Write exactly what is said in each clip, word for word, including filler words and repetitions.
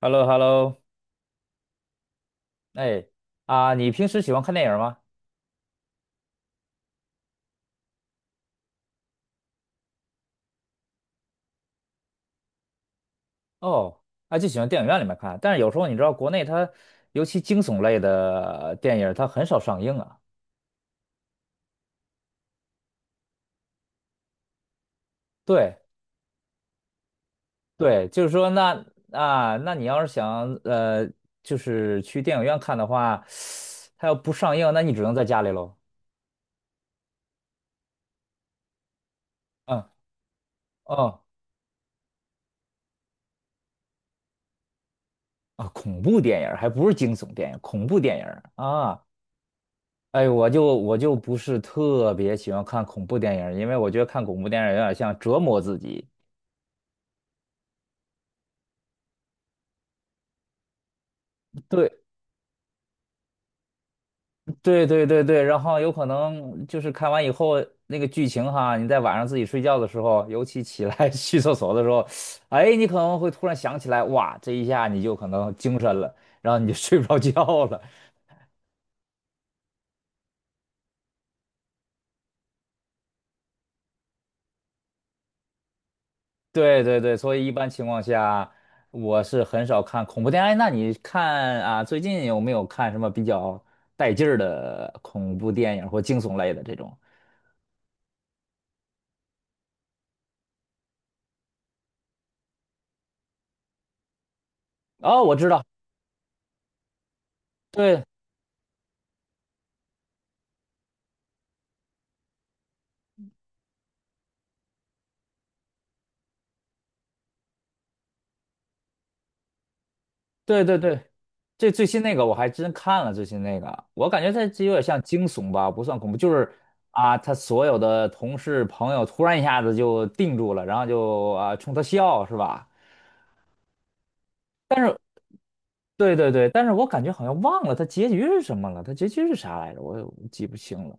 h e l l o h e l l o 哎啊，你平时喜欢看电影吗？哦，啊，就喜欢电影院里面看，但是有时候你知道国内它，尤其惊悚类的电影，它很少上映啊。对对，就是说那啊，那你要是想呃，就是去电影院看的话，它要不上映，那你只能在家里喽。嗯哦啊，恐怖电影还不是惊悚电影，恐怖电影啊。哎，我就我就不是特别喜欢看恐怖电影儿因为我觉得看恐怖电影儿有点像折磨自己。对对对对对，然后有可能就是看完以后那个剧情哈，你在晚上自己睡觉的时候，尤其起来 去厕所的时候，哎，你可能会突然想起来，哇，这一下你就可能精神了，然后你就 睡不着觉了。对对对，所以一般情况下，我是很少看恐怖片。哎，那你看啊，最近有没有看什么比较带劲儿的恐怖电影或惊悚类的这种？哦，我知道，对对对对，这最新那个我还真看了，最新那个我感觉它这有点像惊悚吧，不算恐怖，就是啊，他所有的同事朋友突然一下子就定住了，然后就啊冲他笑，是吧？但是。对对对，但是我感觉好像忘了它结局是什么了，它结局是啥来着？我我记不清了。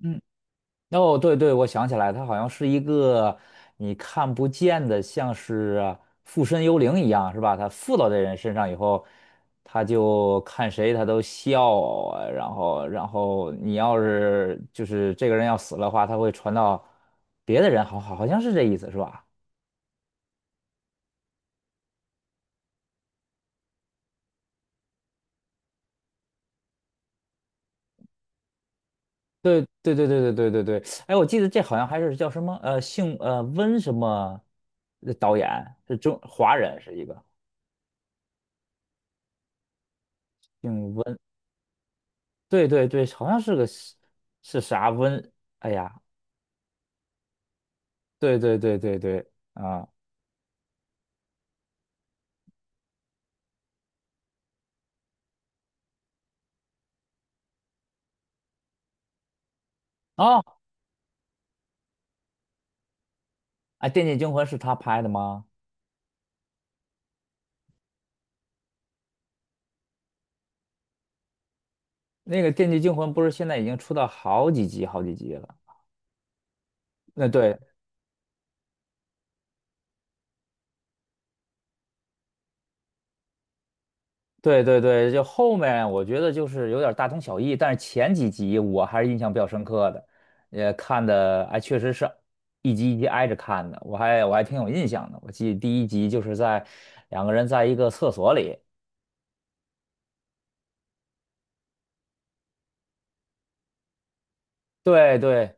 嗯，哦，对对，我想起来，它好像是一个你看不见的，像是附身幽灵一样，是吧？它附到这人身上以后，他就看谁他都笑啊，然后然后你要是就是这个人要死了的话，他会传到别的人，好好好像是这意思，是吧？对对对对对对对对，哎，我记得这好像还是叫什么呃，姓呃温什么的导演是中华人，是一个姓温，对对对，好像是个是是啥温，哎呀，对对对对对啊哦，哎，《电锯惊魂》是他拍的吗？那个《电锯惊魂》不是现在已经出到好几集好几集了？那对对对对，就后面我觉得就是有点大同小异，但是前几集我还是印象比较深刻的，也看的哎，确实是一集一集挨着看的，我还我还挺有印象的。我记得第一集就是在两个人在一个厕所里，对对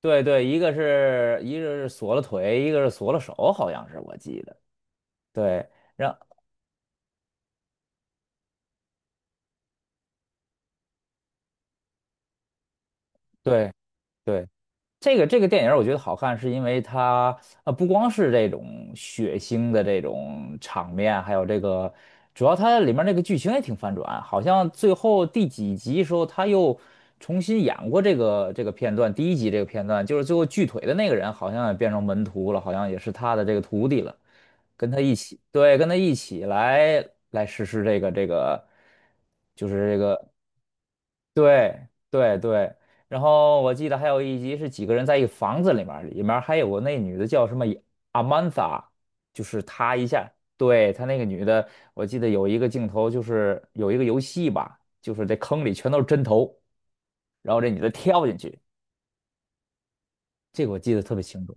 对对，一个是一个是锁了腿，一个是锁了手，好像是我记得，对，让对对。这个这个电影儿我觉得好看，是因为它呃不光是这种血腥的这种场面，还有这个主要它里面那个剧情也挺反转，好像最后第几集时候他又重新演过这个这个片段，第一集这个片段就是最后锯腿的那个人好像也变成门徒了，好像也是他的这个徒弟了，跟他一起，对，跟他一起来来实施这个这个就是这个。对对对，然后我记得还有一集是几个人在一个房子里面儿里面儿还有个那女的叫什么阿曼达，就是她一下，对，她那个女的，我记得有一个镜头就是有一个游戏吧，就是这坑里全都是针头，然后这女的跳进去，这个我记得特别清楚，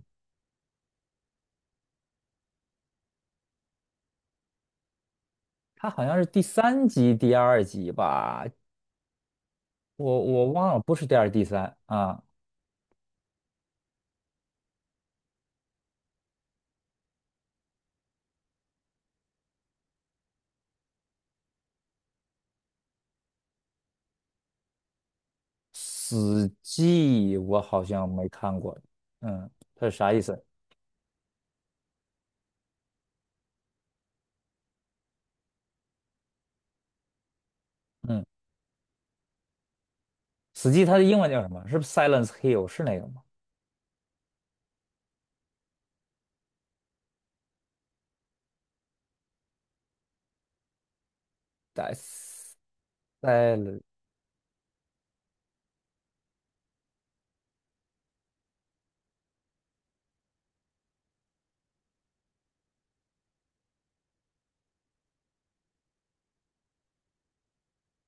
她好像是第三集、第二集吧，我我忘了，不是第二、第三啊，死寂我好像没看过，嗯，它是啥意思？嗯。死寂它的英文叫什么？是不是 Silence Hill 是那个吗？Silence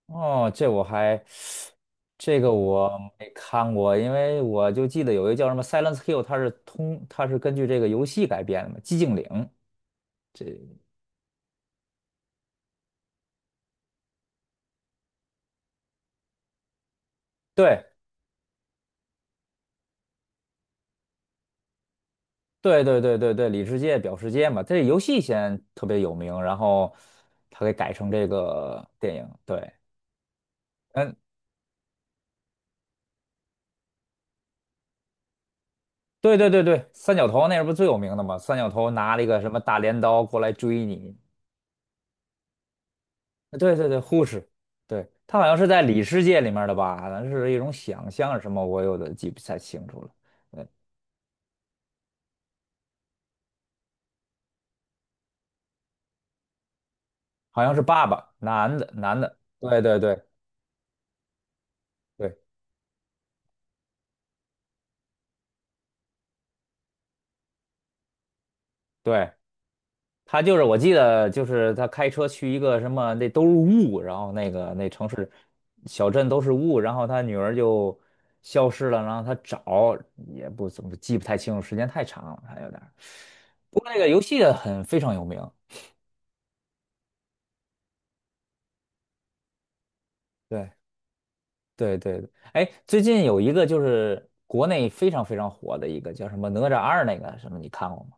哦，这我还这个我没看过，因为我就记得有一个叫什么 Silence Hill，它是通它是根据这个游戏改编的嘛，寂静岭。这对对对对对对，里世界表世界嘛，这游戏先特别有名，然后它给改成这个电影。对，嗯，对对对对，三角头那是不是最有名的嘛？三角头拿了一个什么大镰刀过来追你。对对对，护士，对，他好像是在里世界里面的吧？好像是一种想象还是什么，我有点记不太清楚了。对，好像是爸爸，男的，男的，对对对对对，他就是我记得就是他开车去一个什么，那都是雾，然后那个那城市小镇都是雾，然后他女儿就消失了，然后他找也不怎么记不太清楚，时间太长了，还有点儿不过那个游戏很非常有名。对。对对对，哎，最近有一个就是国内非常非常火的一个叫什么《哪吒二》那个什么，你看过吗？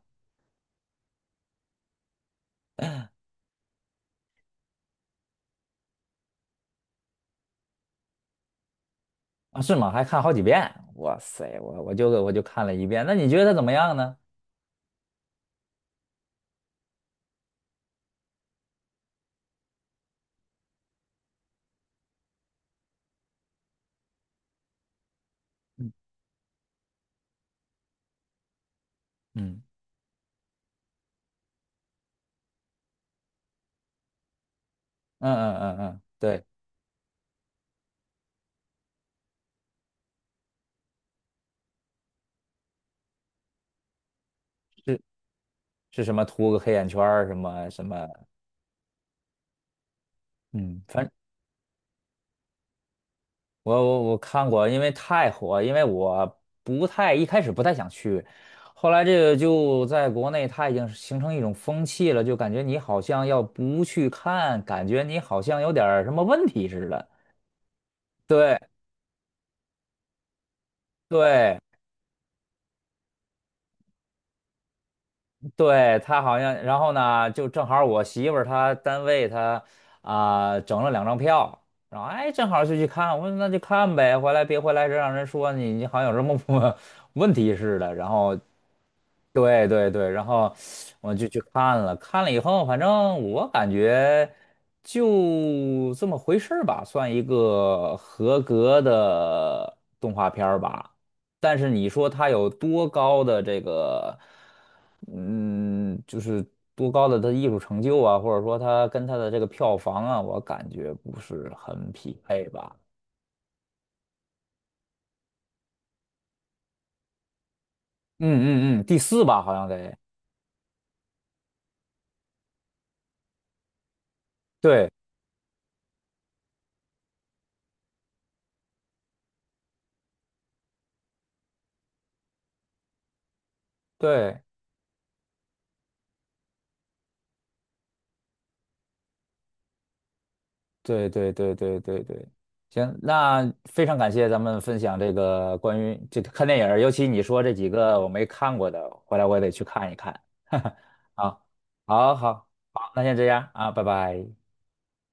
啊，是吗？还看好几遍。哇塞，我我就我就看了一遍。那你觉得它怎么样呢？嗯嗯嗯嗯嗯，嗯，对，是是什么？涂个黑眼圈儿，什么什么？嗯，反我我我看过，因为太火，因为我不太一开始不太想去，后来这个就在国内，它已经是形成一种风气了，就感觉你好像要不去看，感觉你好像有点儿什么问题似的。对对，对，他好像，然后呢，就正好我媳妇儿她单位她啊、整了两张票，然后哎正好就去看，我说那就看呗，回来别回来这让人说你你好像有什么不 问题似的，然后对对对，然后我就去看了，看了以后反正我感觉就这么回事儿吧，算一个合格的动画片儿吧。但是你说他有多高的这个，嗯，就是多高的他艺术成就啊，或者说他跟他的这个票房啊，我感觉不是很匹配吧。嗯嗯嗯，第四吧，好像得。对对对对对对对对，行，那非常感谢咱们分享这个关于这个看电影儿尤其你说这几个我没看过的，回来我也得去看一看。好，好，好，好，那先这样啊，拜拜。